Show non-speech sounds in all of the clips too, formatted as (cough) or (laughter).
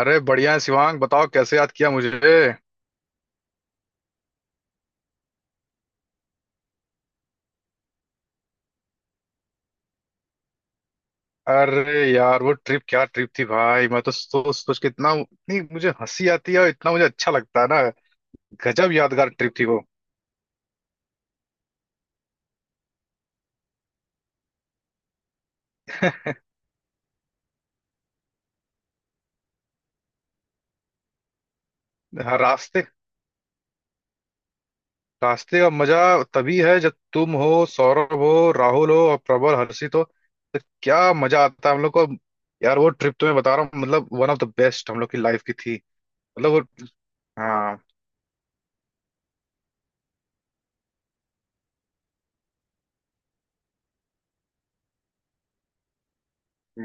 अरे बढ़िया है शिवांग। बताओ, कैसे याद किया मुझे? अरे यार, वो ट्रिप क्या ट्रिप थी भाई। मैं तो सोच सोच के इतना, इतनी मुझे हंसी आती है और इतना मुझे अच्छा लगता है ना। गजब यादगार ट्रिप थी वो। (laughs) हाँ, रास्ते रास्ते का मजा तभी है जब तुम हो, सौरभ हो, राहुल हो और प्रबल हर्षित हो। तो क्या मजा आता है हम लोग को। यार वो ट्रिप तो मैं बता रहा हूँ, मतलब वन ऑफ द बेस्ट हम लोग की लाइफ की थी। मतलब वो हाँ,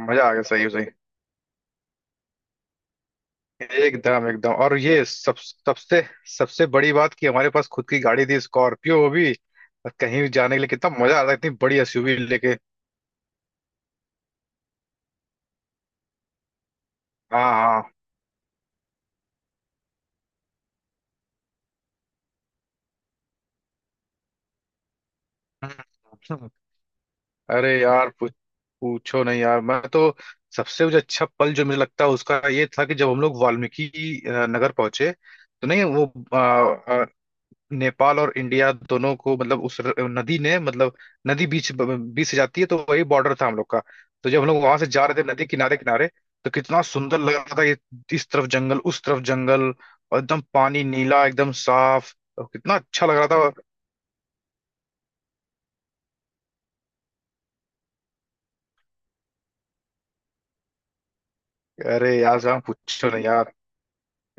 मजा आ गया। सही है, सही। एकदम एकदम। और ये सब सबसे, सबसे बड़ी बात कि हमारे पास खुद की गाड़ी थी, स्कॉर्पियो वो भी। और कहीं भी जाने के लिए कितना मजा आता है इतनी बड़ी एसयूवी लेके। हाँ हाँ। (laughs) हम्म। हम्म। अरे यार पूछो नहीं यार। मैं तो सबसे मुझे अच्छा पल जो मुझे लगता है उसका ये था कि जब हम लोग वाल्मीकि नगर पहुंचे। तो नहीं वो नेपाल और इंडिया दोनों को मतलब उस नदी ने मतलब, नदी बीच बीच से जाती है, तो वही बॉर्डर था हम लोग का। तो जब हम लोग वहां से जा रहे थे नदी किनारे किनारे, तो कितना सुंदर लग रहा था ये। इस तरफ जंगल, उस तरफ जंगल और एकदम पानी नीला एकदम साफ। और कितना अच्छा लग रहा था। अरे यार साहब, पूछो नहीं यार।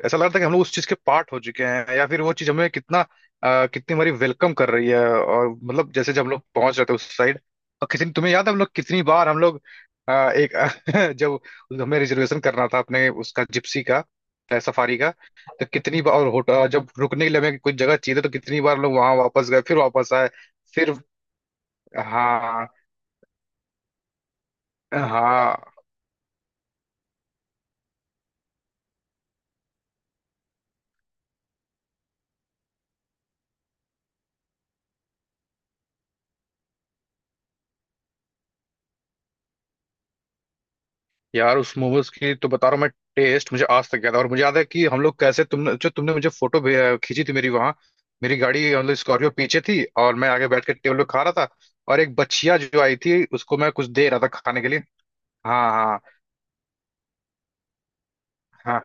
ऐसा लग रहा था कि हम लोग उस चीज के पार्ट हो चुके हैं, या फिर वो चीज हमें कितना कितनी हमारी वेलकम कर रही है। और मतलब जैसे जब हम लोग पहुंच रहे थे उस साइड। और कितनी तुम्हें याद है हम लोग कितनी बार हम लोग एक (laughs) जब हमें रिजर्वेशन करना था अपने उसका जिप्सी का, सफारी का। तो कितनी बार, और होटल जब रुकने के लिए हमें कुछ जगह चाहिए थी, तो कितनी बार हम लोग वहां वापस गए फिर वापस आए। फिर हाँ हाँ। यार उस मोमोज की तो बता रहा हूँ मैं, टेस्ट मुझे आज तक याद है। और मुझे याद है कि हम लोग कैसे, तुमने जो तुमने मुझे फोटो खींची थी मेरी वहां। मेरी गाड़ी मतलब स्कॉर्पियो पीछे थी और मैं आगे बैठ कर टेबल पे खा रहा था। और एक बच्चिया जो आई थी उसको मैं कुछ दे रहा था खाने के लिए। हाँ हाँ हाँ।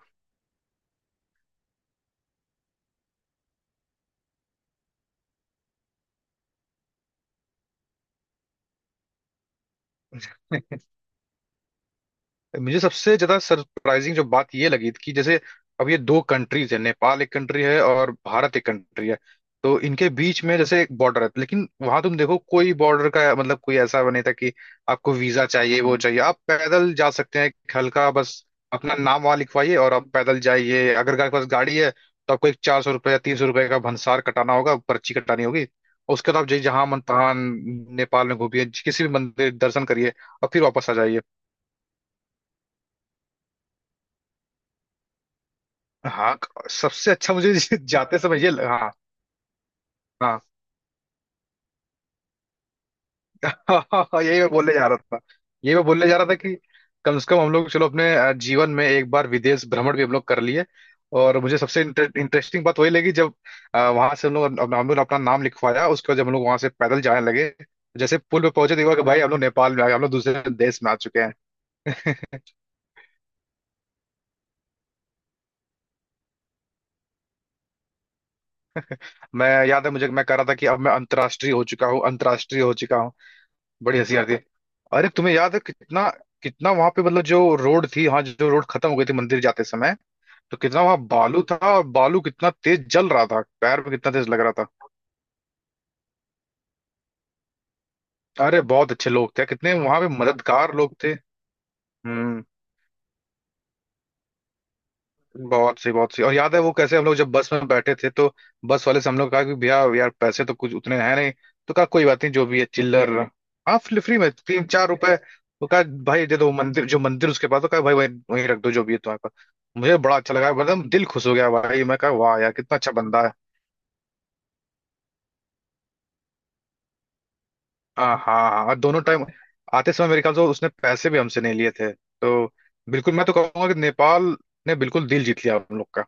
मुझे सबसे ज्यादा सरप्राइजिंग जो बात ये लगी कि जैसे, अब ये दो कंट्रीज है, नेपाल एक कंट्री है और भारत एक कंट्री है। तो इनके बीच में जैसे एक बॉर्डर है, लेकिन वहां तुम देखो कोई बॉर्डर का मतलब कोई ऐसा वो नहीं था कि आपको वीजा चाहिए, वो चाहिए। आप पैदल जा सकते हैं, एक हल्का बस अपना नाम वहां लिखवाइए और आप पैदल जाइए। अगर आपके पास गाड़ी है तो आपको एक चार सौ रुपये या तीन सौ रुपये का भंसार कटाना होगा, पर्ची कटानी होगी। और उसके बाद आप जहाँ मन तहाँ नेपाल में घूमिए, किसी भी मंदिर दर्शन करिए और फिर वापस आ जाइए। हाँ सबसे अच्छा मुझे (laughs) जाते समय ये हाँ। हाँ। (laughs) हाँ, यही मैं बोलने जा रहा था। यही मैं बोलने जा रहा था कि कम से कम हम लोग, चलो, अपने जीवन में एक बार विदेश भ्रमण भी हम लोग कर लिए। और मुझे सबसे इंटरेस्टिंग बात वही लगी जब वहां से हम लोग, हम लोग ने अपना नाम लिखवाया, उसके बाद जब हम लोग वहां से पैदल जाने लगे, जैसे पुल पे पहुंचे, तो हुआ कि भाई हम लोग नेपाल में आ गए, हम लोग दूसरे देश में आ चुके हैं। मैं याद है मुझे, मैं कह रहा था कि अब मैं अंतर्राष्ट्रीय हो चुका हूँ, अंतर्राष्ट्रीय हो चुका हूँ। बड़ी हंसी आती है। अरे तुम्हें याद है कितना, कितना वहां पे मतलब जो रोड थी, हाँ, जो रोड खत्म हो गई थी मंदिर जाते समय, तो कितना वहां बालू था और बालू कितना तेज जल रहा था, पैर में कितना तेज लग रहा था। अरे बहुत अच्छे लोग थे, कितने वहां पे मददगार लोग थे। हम्म। बहुत सी बहुत सी। और याद है वो कैसे हम लोग जब बस में बैठे थे, तो बस वाले से हम लोग कहा कि भैया यार पैसे तो कुछ उतने हैं नहीं, तो कहा कोई बात नहीं, जो भी है चिल्लर। हाँ, फ्री फ्री में तीन चार रुपए, तो कहा भाई दे दो मंदिर, जो मंदिर उसके पास, तो कहा भाई वहीं वहीं रख दो जो भी है तुम्हारे पास। मुझे बड़ा अच्छा लगा, मतलब दिल खुश हो गया भाई। मैं कहा वाह यार कितना अच्छा बंदा है। हाँ हाँ हाँ। और दोनों टाइम आते समय मेरे ख्याल से उसने पैसे भी हमसे नहीं लिए थे, तो बिल्कुल मैं तो कहूंगा कि नेपाल ने बिल्कुल दिल जीत लिया हम लोग।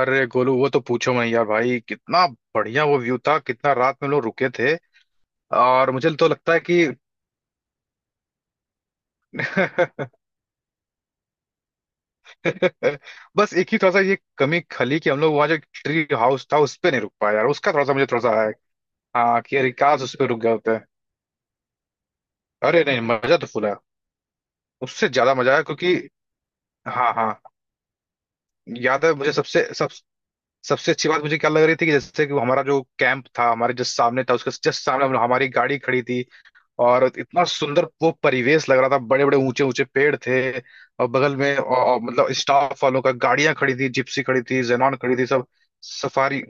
अरे गोलू वो तो पूछो, मैं यार भाई कितना बढ़िया वो व्यू था, कितना रात में लोग रुके थे। और मुझे तो लगता है कि (laughs) बस एक ही थोड़ा सा ये कमी खली कि हम लोग वहाँ जो ट्री हाउस था उस पे नहीं रुक पाए यार, उसका थोड़ा सा मुझे थोड़ा सा है। हाँ, कि अरे काश उस पे रुक गए होते। अरे नहीं, मजा तो फुल है। उससे ज्यादा मजा आया क्योंकि हाँ हाँ। याद है मुझे, सबसे अच्छी बात मुझे क्या लग रही थी कि जैसे कि वो हमारा जो कैंप था हमारे जस्ट सामने था, उसके जस्ट सामने हमारी गाड़ी खड़ी थी। और इतना सुंदर वो परिवेश लग रहा था, बड़े बड़े ऊंचे ऊंचे पेड़ थे और बगल में, और मतलब स्टाफ वालों का गाड़ियां खड़ी थी, जिप्सी खड़ी थी, जेनॉन खड़ी थी, सब। सफारी।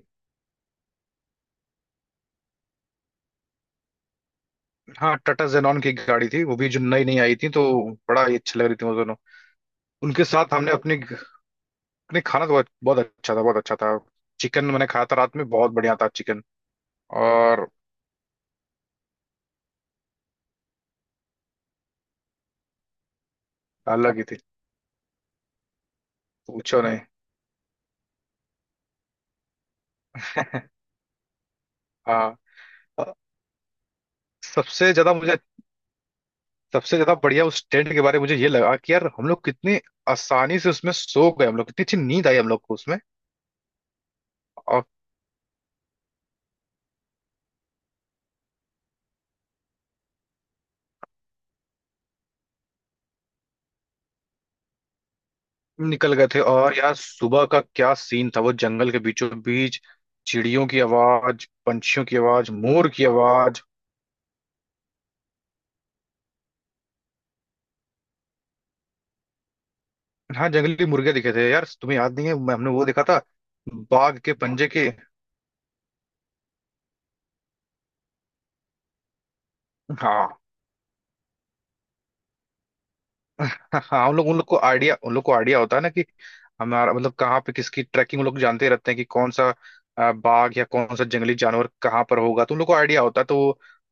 हाँ टाटा जेनॉन की गाड़ी थी वो भी, जो नई नई आई थी, तो बड़ा ही अच्छी लग रही थी वो दोनों। उनके साथ हमने अपने अपने खाना तो बहुत बहुत अच्छा था, बहुत अच्छा था। चिकन मैंने खाया था रात में, बहुत बढ़िया था चिकन। और अलग ही थी। पूछो नहीं। (laughs) हाँ। सबसे ज्यादा मुझे, सबसे ज्यादा बढ़िया उस टेंट के बारे में मुझे ये लगा कि यार हम लोग कितने आसानी से उसमें सो गए, हम लोग कितनी अच्छी नींद आई हम लोग को उसमें। और निकल गए थे। और यार सुबह का क्या सीन था वो, जंगल के बीचों बीच चिड़ियों की आवाज, पंछियों की आवाज, मोर की आवाज। हाँ जंगली मुर्गे दिखे थे यार, तुम्हें याद नहीं है, हमने वो देखा था, बाघ के पंजे के। हाँ हाँ हाँ। उन लोग को आइडिया, उन लोग को आइडिया होता है ना कि हमारा मतलब कहाँ पे किसकी ट्रैकिंग, उन लोग जानते रहते हैं कि कौन सा बाघ या कौन सा जंगली जानवर कहाँ पर होगा, तो उन लोग को आइडिया होता है। तो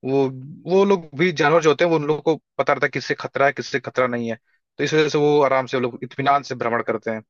वो वो लोग भी, जानवर जो होते हैं, वो उन लोग को पता रहता है किससे खतरा है, किससे खतरा नहीं है। तो इस वजह से वो आराम से, वो लोग इत्मीनान से भ्रमण करते हैं।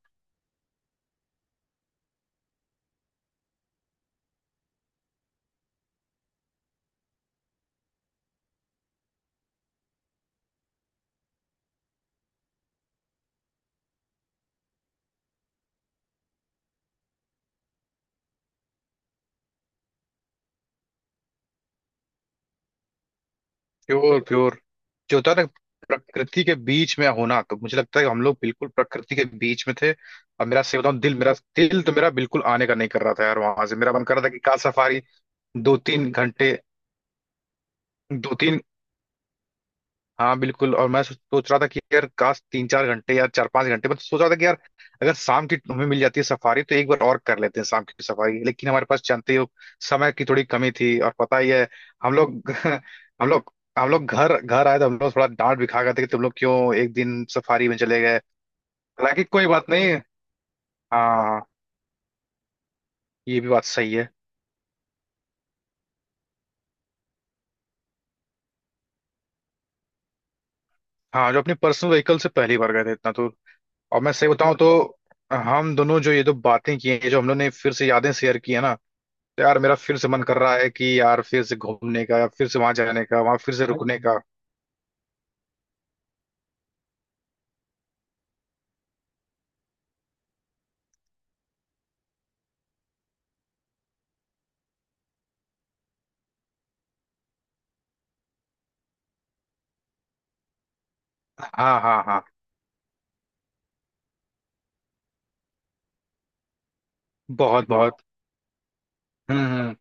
प्योर प्योर जो होता है ना, प्रकृति के बीच में होना, तो मुझे लगता है कि हम लोग बिल्कुल प्रकृति के बीच में थे। और मेरा से बताऊं, दिल मेरा दिल तो, मेरा बिल्कुल आने का नहीं कर रहा था यार वहां से। मेरा मन कर रहा था कि कार सफारी दो तीन घंटे, दो तीन हाँ बिल्कुल। और मैं सोच रहा था कि यार काश तीन चार घंटे या चार पांच घंटे, मैं तो सोच रहा था कि यार अगर शाम की हमें मिल जाती है सफारी तो एक बार और कर लेते हैं शाम की सफारी। लेकिन हमारे पास, जानते ही हो, समय की थोड़ी कमी थी और पता ही है। हम लोग (laughs) हम लोग हम लोग घर घर आए तो हम लोग थोड़ा डांट भी खा गए थे कि तुम लोग क्यों एक दिन सफारी में चले गए। हालांकि कोई बात नहीं। हाँ, ये भी बात सही है। हाँ जो अपने पर्सनल व्हीकल से पहली बार गए थे इतना तो। और मैं सही बताऊं तो हम दोनों जो ये जो बातें की हैं, ये जो हम लोगों ने फिर से यादें शेयर की है ना, तो यार मेरा फिर से मन कर रहा है कि यार फिर से घूमने का, या फिर से वहां जाने का, वहां फिर से अरे रुकने का। हाँ हाँ हाँ। बहुत बहुत। हम्म। हम्म।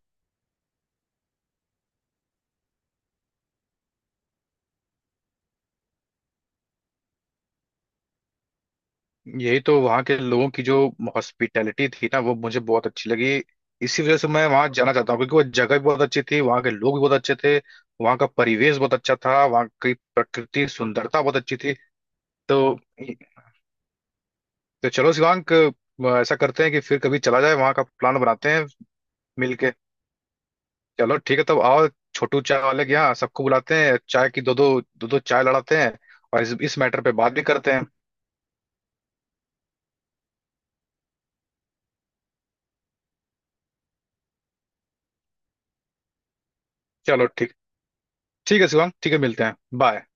यही तो वहाँ के लोगों की जो हॉस्पिटैलिटी थी ना, वो मुझे बहुत अच्छी लगी। इसी वजह से मैं वहाँ जाना चाहता हूँ, क्योंकि वो जगह भी बहुत अच्छी थी, वहाँ के लोग भी बहुत अच्छे थे, वहाँ का परिवेश बहुत अच्छा था, वहाँ की प्रकृति सुंदरता बहुत अच्छी थी। तो तो चलो शिवांग, ऐसा करते हैं कि फिर कभी चला जाए, वहां का प्लान बनाते हैं मिलके। चलो ठीक है, तब आओ छोटू चाय वाले के यहाँ सबको बुलाते हैं, चाय की दो दो, दो दो चाय लड़ाते हैं और इस मैटर पे बात भी करते हैं। चलो ठीक। ठीक है शिवांग, ठीक है, मिलते हैं, बाय।